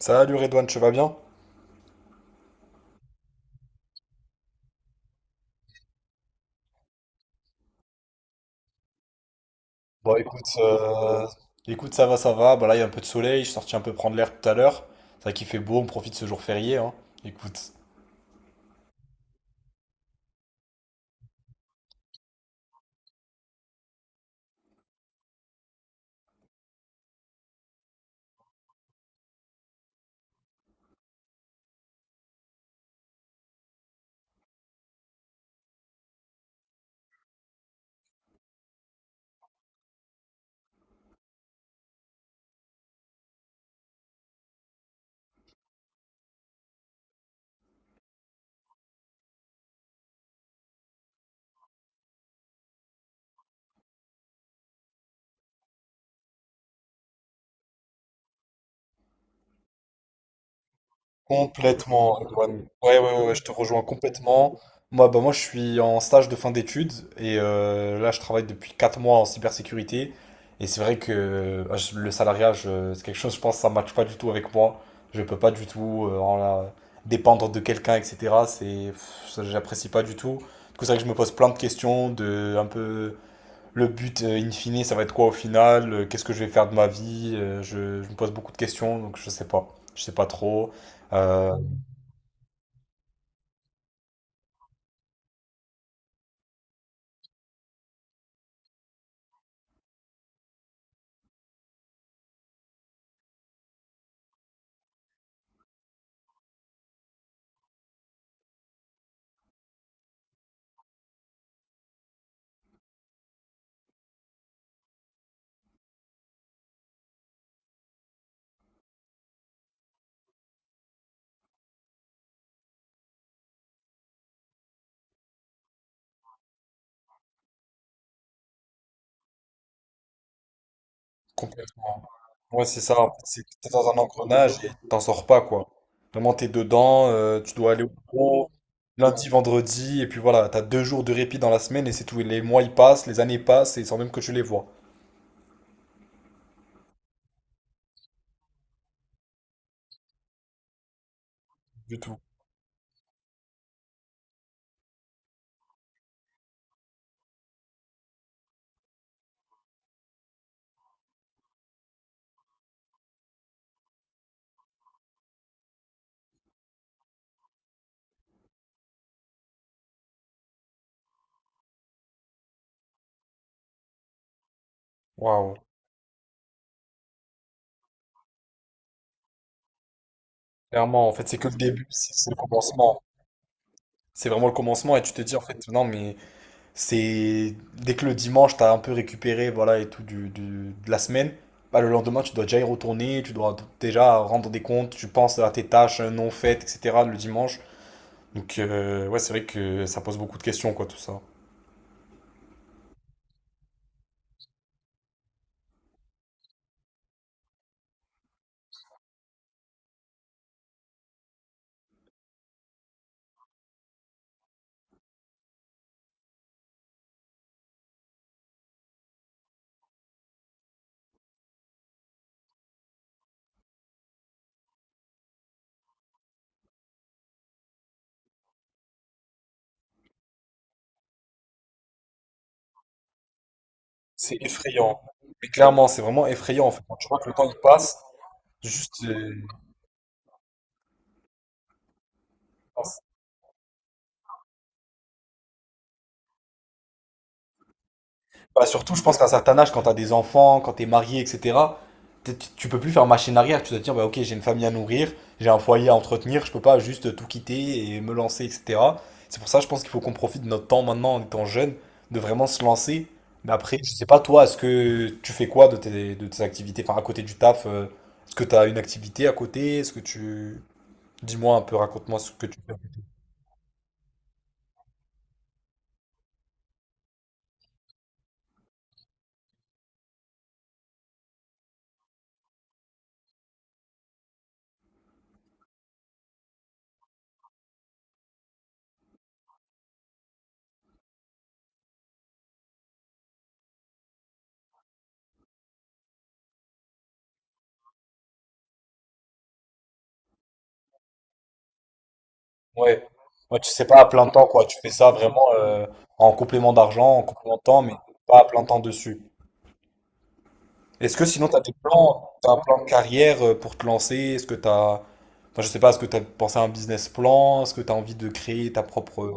Salut Redouane, tu vas bien? Bon écoute ça va, ça va. Bah là il y a un peu de soleil, je suis sorti un peu prendre l'air tout à l'heure. C'est vrai qu'il fait beau, on profite de ce jour férié, hein. Écoute. Complètement, Redouane. Ouais, ouais, ouais, ouais, je te rejoins complètement. Moi, bah, moi, je suis en stage de fin d'études et là, je travaille depuis 4 mois en cybersécurité. Et c'est vrai que le salariat, c'est quelque chose, je pense, ça ne matche pas du tout avec moi. Je peux pas du tout dépendre de quelqu'un, etc. C'est, pff, ça, j'apprécie pas du tout. Du coup, c'est vrai que je me pose plein de questions, de un peu le but, in fine, ça va être quoi au final? Qu'est-ce que je vais faire de ma vie? Je me pose beaucoup de questions, donc je sais pas. Je sais pas trop. Euh, complètement. Ouais, c'est ça. En fait, c'est que t'es dans un engrenage et t'en sors pas, quoi. Vraiment, t'es dedans, tu dois aller au pro lundi, vendredi, et puis voilà, t'as 2 jours de répit dans la semaine et c'est tout. Et les mois, ils passent, les années passent, et sans même que tu les vois. Du tout. Waouh. Clairement, en fait, c'est que le début, c'est le commencement. C'est vraiment le commencement, et tu te dis, en fait, non, mais c'est dès que le dimanche, tu as un peu récupéré voilà, et tout de la semaine, bah, le lendemain, tu dois déjà y retourner, tu dois déjà rendre des comptes, tu penses à tes tâches non faites, etc. le dimanche. Donc, ouais, c'est vrai que ça pose beaucoup de questions, quoi, tout ça. C'est effrayant. Mais clairement, c'est vraiment effrayant, en fait. Quand tu vois que le temps, il passe, juste. Bah, surtout, je pense qu'à un certain âge, quand t'as des enfants, quand t'es marié, etc., tu peux plus faire machine arrière. Tu dois te dire, bah, ok, j'ai une famille à nourrir, j'ai un foyer à entretenir, je peux pas juste tout quitter et me lancer, etc. C'est pour ça, je pense qu'il faut qu'on profite de notre temps maintenant en étant jeune, de vraiment se lancer. Mais après, je sais pas, toi, est-ce que tu fais quoi de tes, activités? Enfin, à côté du taf, est-ce que t'as une activité à côté? Est-ce que tu. Dis-moi un peu, raconte-moi ce que tu fais. Ouais. Ouais, tu sais pas à plein temps, quoi. Tu fais ça vraiment en complément d'argent, en complément de temps, mais pas à plein temps dessus. Est-ce que sinon, tu as des plans, t'as un plan de carrière pour te lancer? Est-ce que tu as. Enfin, je sais pas, est-ce que tu as pensé à un business plan? Est-ce que tu as envie de créer ta propre.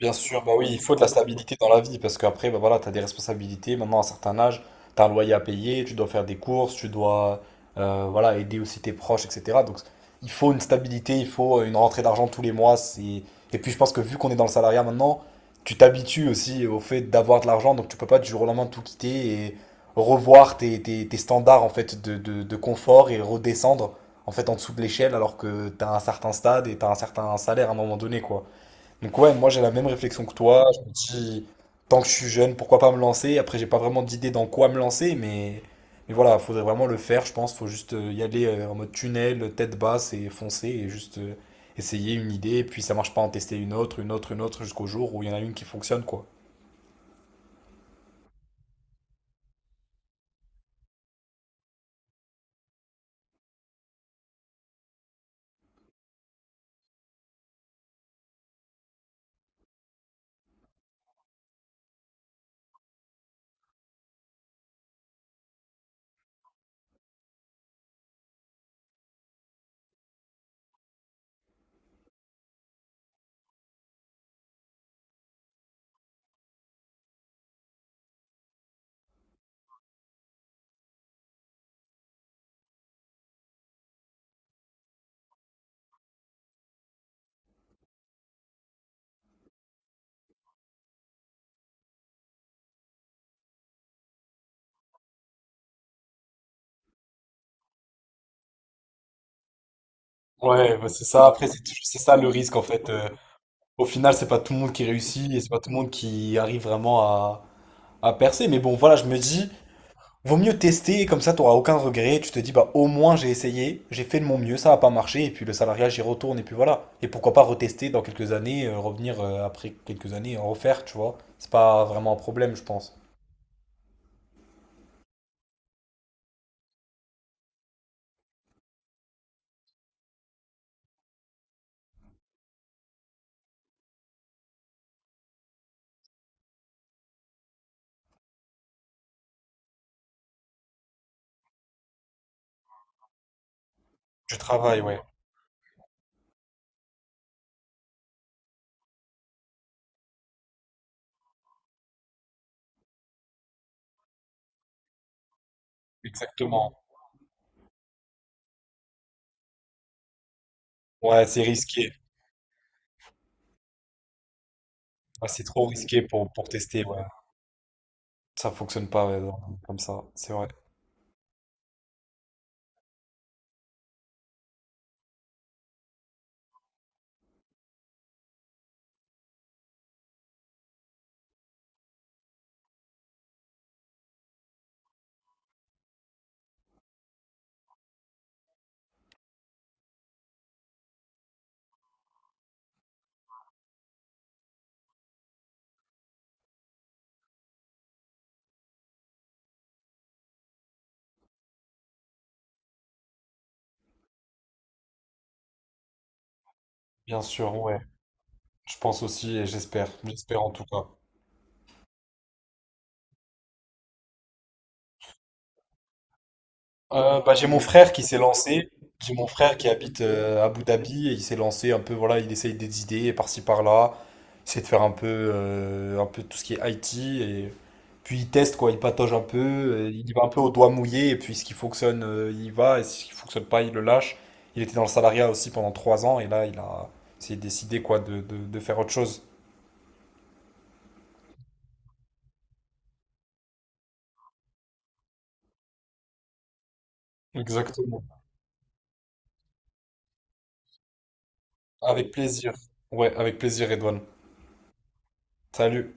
Bien sûr, bah oui, il faut de la stabilité dans la vie parce qu'après, bah voilà, tu as des responsabilités. Maintenant, à un certain âge, tu as un loyer à payer, tu dois faire des courses, tu dois voilà, aider aussi tes proches, etc. Donc, il faut une stabilité, il faut une rentrée d'argent tous les mois. Et puis, je pense que vu qu'on est dans le salariat maintenant, tu t'habitues aussi au fait d'avoir de l'argent. Donc, tu peux pas du jour au lendemain tout quitter et revoir tes, tes standards en fait de, de confort et redescendre en fait en dessous de l'échelle alors que tu as un certain stade et tu as un certain salaire à un moment donné, quoi. Donc ouais, moi j'ai la même réflexion que toi. Je me dis, tant que je suis jeune, pourquoi pas me lancer? Après, j'ai pas vraiment d'idée dans quoi me lancer, mais, voilà, faudrait vraiment le faire, je pense. Faut juste y aller en mode tunnel, tête basse et foncer et juste essayer une idée. Et puis ça marche pas, en tester une autre, une autre, une autre, jusqu'au jour où il y en a une qui fonctionne, quoi. Ouais, bah, c'est ça. Après, c'est ça le risque en fait. Au final, c'est pas tout le monde qui réussit et c'est pas tout le monde qui arrive vraiment à, percer. Mais bon, voilà, je me dis, vaut mieux tester, comme ça t'auras aucun regret, tu te dis bah au moins j'ai essayé, j'ai fait de mon mieux, ça n'a pas marché, et puis le salariat j'y retourne, et puis voilà. Et pourquoi pas retester dans quelques années, revenir après quelques années, en refaire, tu vois. C'est pas vraiment un problème, je pense. Du travail, ouais, exactement. Ouais, c'est risqué. Ouais, c'est trop risqué pour tester, ouais. Ça fonctionne pas, ouais, non, comme ça, c'est vrai. Bien sûr, ouais. Je pense aussi et j'espère. J'espère en tout cas. Bah, j'ai mon frère qui s'est lancé. J'ai mon frère qui habite à Abu Dhabi et il s'est lancé un peu, voilà, il essaye des idées par-ci par-là. C'est de faire un peu tout ce qui est IT et puis il teste quoi, il patauge un peu, il y va un peu au doigt mouillé et puis ce qui fonctionne, il y va et ce qui fonctionne pas, il le lâche. Il était dans le salariat aussi pendant 3 ans et là il a, s'est décidé quoi de faire autre chose. Exactement. Avec plaisir. Ouais, avec plaisir, Edouane. Salut.